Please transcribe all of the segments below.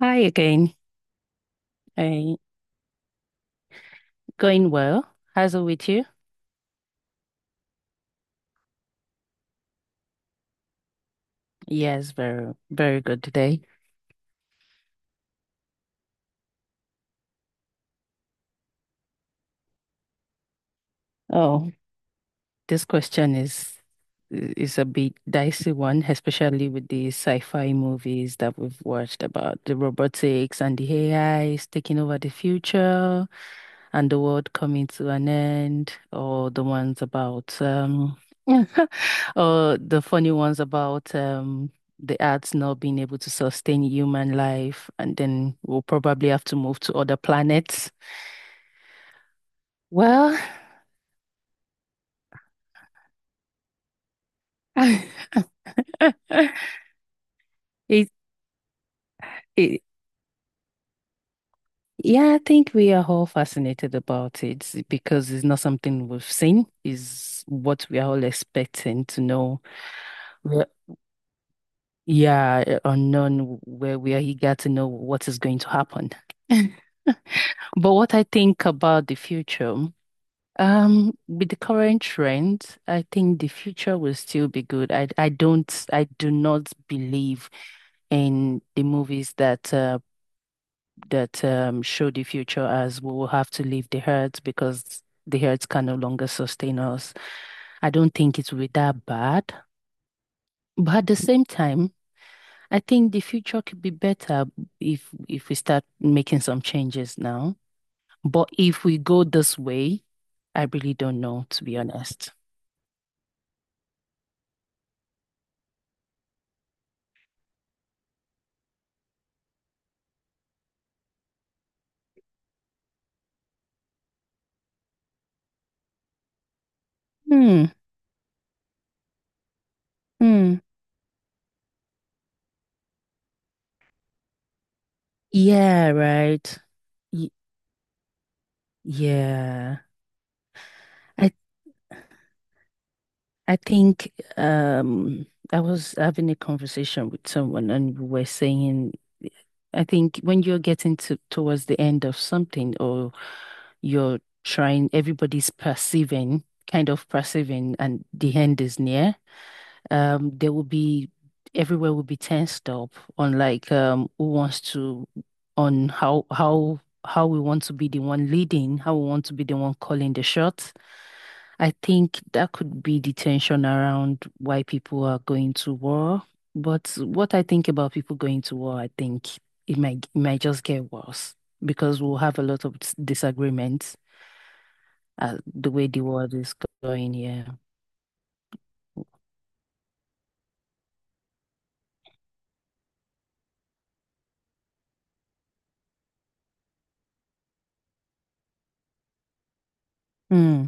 Hi again. Uh, Going well. How's it with you? Yes, very, very good today. Oh, this question is a bit dicey one, especially with the sci-fi movies that we've watched about the robotics and the AIs taking over the future. And the world coming to an end, or the ones about or the funny ones about the Earth not being able to sustain human life, and then we'll probably have to move to other planets. Well, it, it yeah, I think we are all fascinated about it because it's not something we've seen, is what we are all expecting to know. We Yeah, unknown where he got to know what is going to happen. But what I think about the future, with the current trend, I think the future will still be good. I do not believe in the movies that show the future as we will have to leave the earth because the earth can no longer sustain us. I don't think it will be that bad. But at the same time. I think the future could be better if we start making some changes now. But if we go this way, I really don't know, to be honest. Hmm. Hmm. Yeah, right. Y Yeah. I I think I was having a conversation with someone and we were saying I think when you're getting to towards the end of something or you're trying everybody's perceiving kind of perceiving and the end is near there will be everywhere will be tensed up on like who wants to on how we want to be the one leading how we want to be the one calling the shots. I think that could be the tension around why people are going to war. But what I think about people going to war, I think it might just get worse because we'll have a lot of disagreements, the way the world is going, yeah. Mm.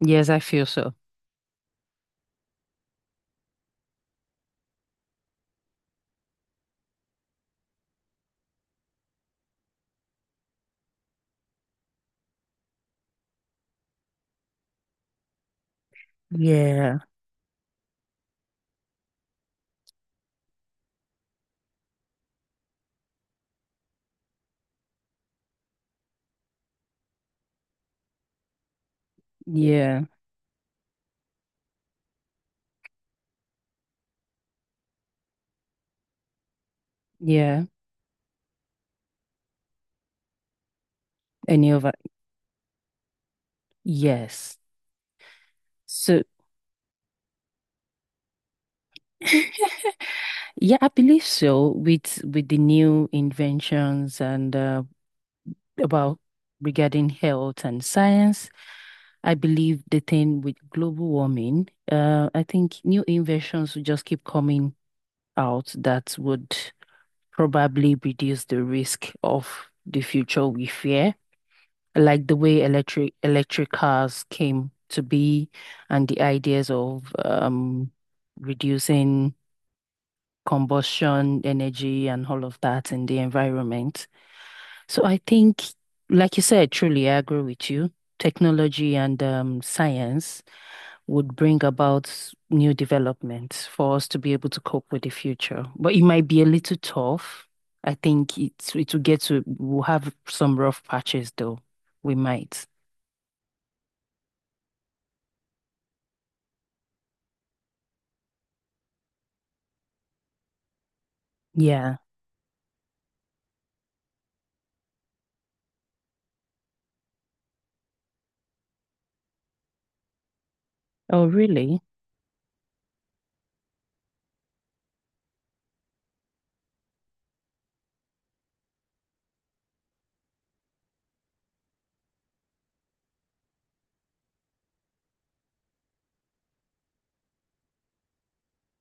Yes, I feel so. Yeah. Yeah. Yeah, any of that. Yes. So yeah, I believe so with the new inventions and about regarding health and science. I believe the thing with global warming, I think new inventions will just keep coming out that would probably reduce the risk of the future we fear. Like the way electric cars came to be and the ideas of reducing combustion energy and all of that in the environment. So I think, like you said, truly I agree with you. Technology and science would bring about new developments for us to be able to cope with the future. But it might be a little tough. I think it will get to we'll have some rough patches though. We might. Yeah. Oh, really?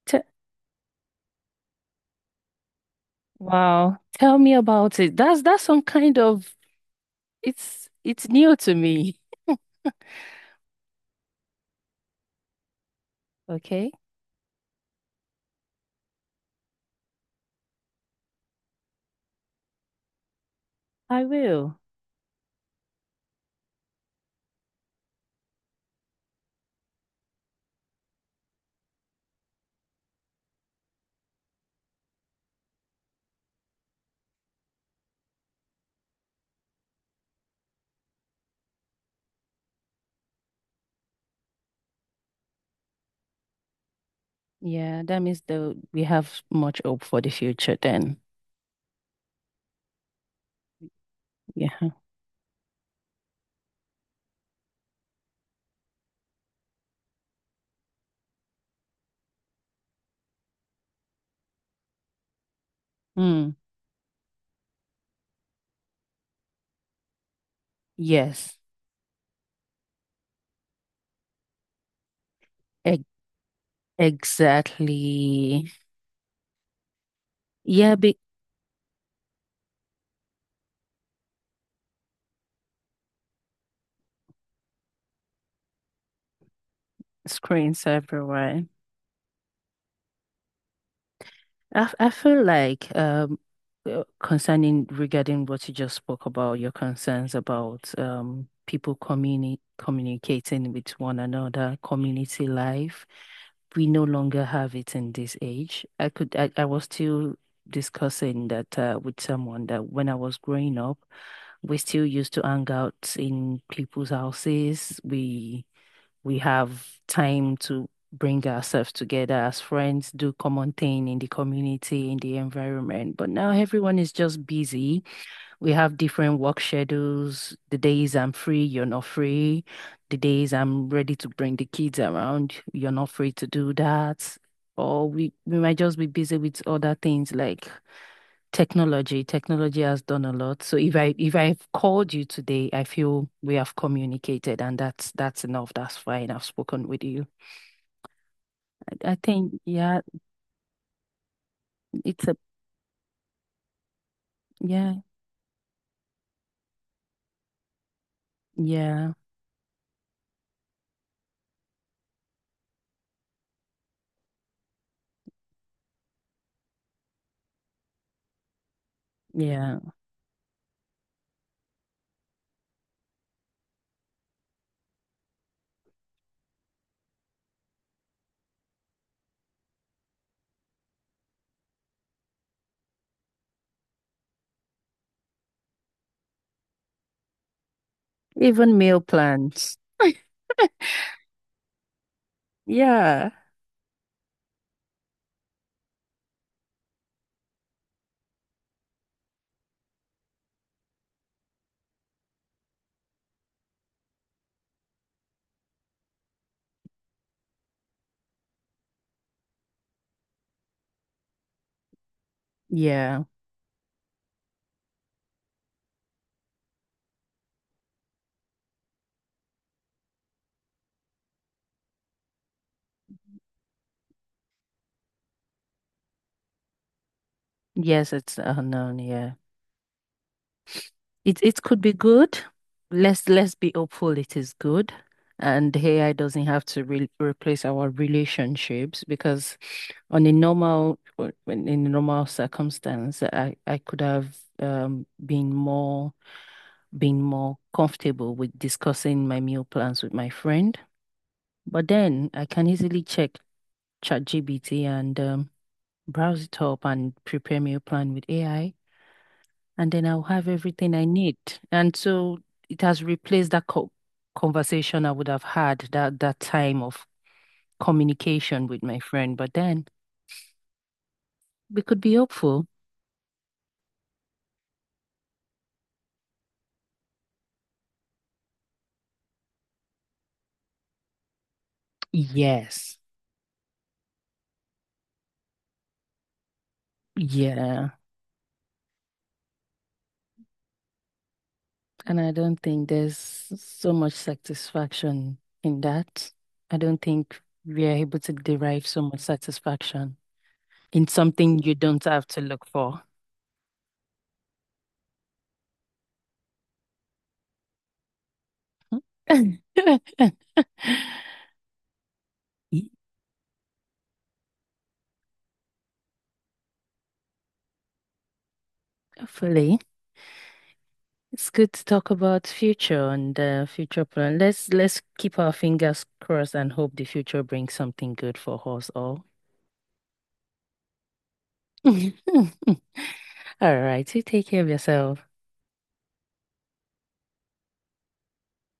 Te Wow. Tell me about it. That's some kind of it's new to me. Okay, I will. Yeah, that means the we have much hope for the future then. Yeah. Mm, yes. E Exactly. Yeah, big screens everywhere. I feel like concerning regarding what you just spoke about, your concerns about people communicating with one another, community life, we no longer have it in this age. I was still discussing that with someone that when I was growing up, we still used to hang out in people's houses. We have time to bring ourselves together as friends, do common thing in the community, in the environment. But now everyone is just busy. We have different work schedules. The days I'm free, you're not free. The days I'm ready to bring the kids around, you're not free to do that. Or we might just be busy with other things like technology has done a lot. So if I've called you today, I feel we have communicated and that's enough. That's fine. I've spoken with you. I think, yeah, it's a yeah, yeah, yeah. Even meal plans. Yeah. Yeah. Yes, it's unknown, yeah. It could be good. Let's be hopeful it is good. And AI doesn't have to re replace our relationships because on a in a normal circumstance, I could have been more comfortable with discussing my meal plans with my friend. But then I can easily check ChatGPT and browse it up and prepare meal plan with AI, and then I'll have everything I need. And so it has replaced that co conversation I would have had that that time of communication with my friend. But then we could be hopeful. Yes. Yeah. And I don't think there's so much satisfaction in that. I don't think we are able to derive so much satisfaction in something you don't have to look for. Hopefully. It's good to talk about future and future plan. Let's keep our fingers crossed and hope the future brings something good for us all. All right, you take care of yourself.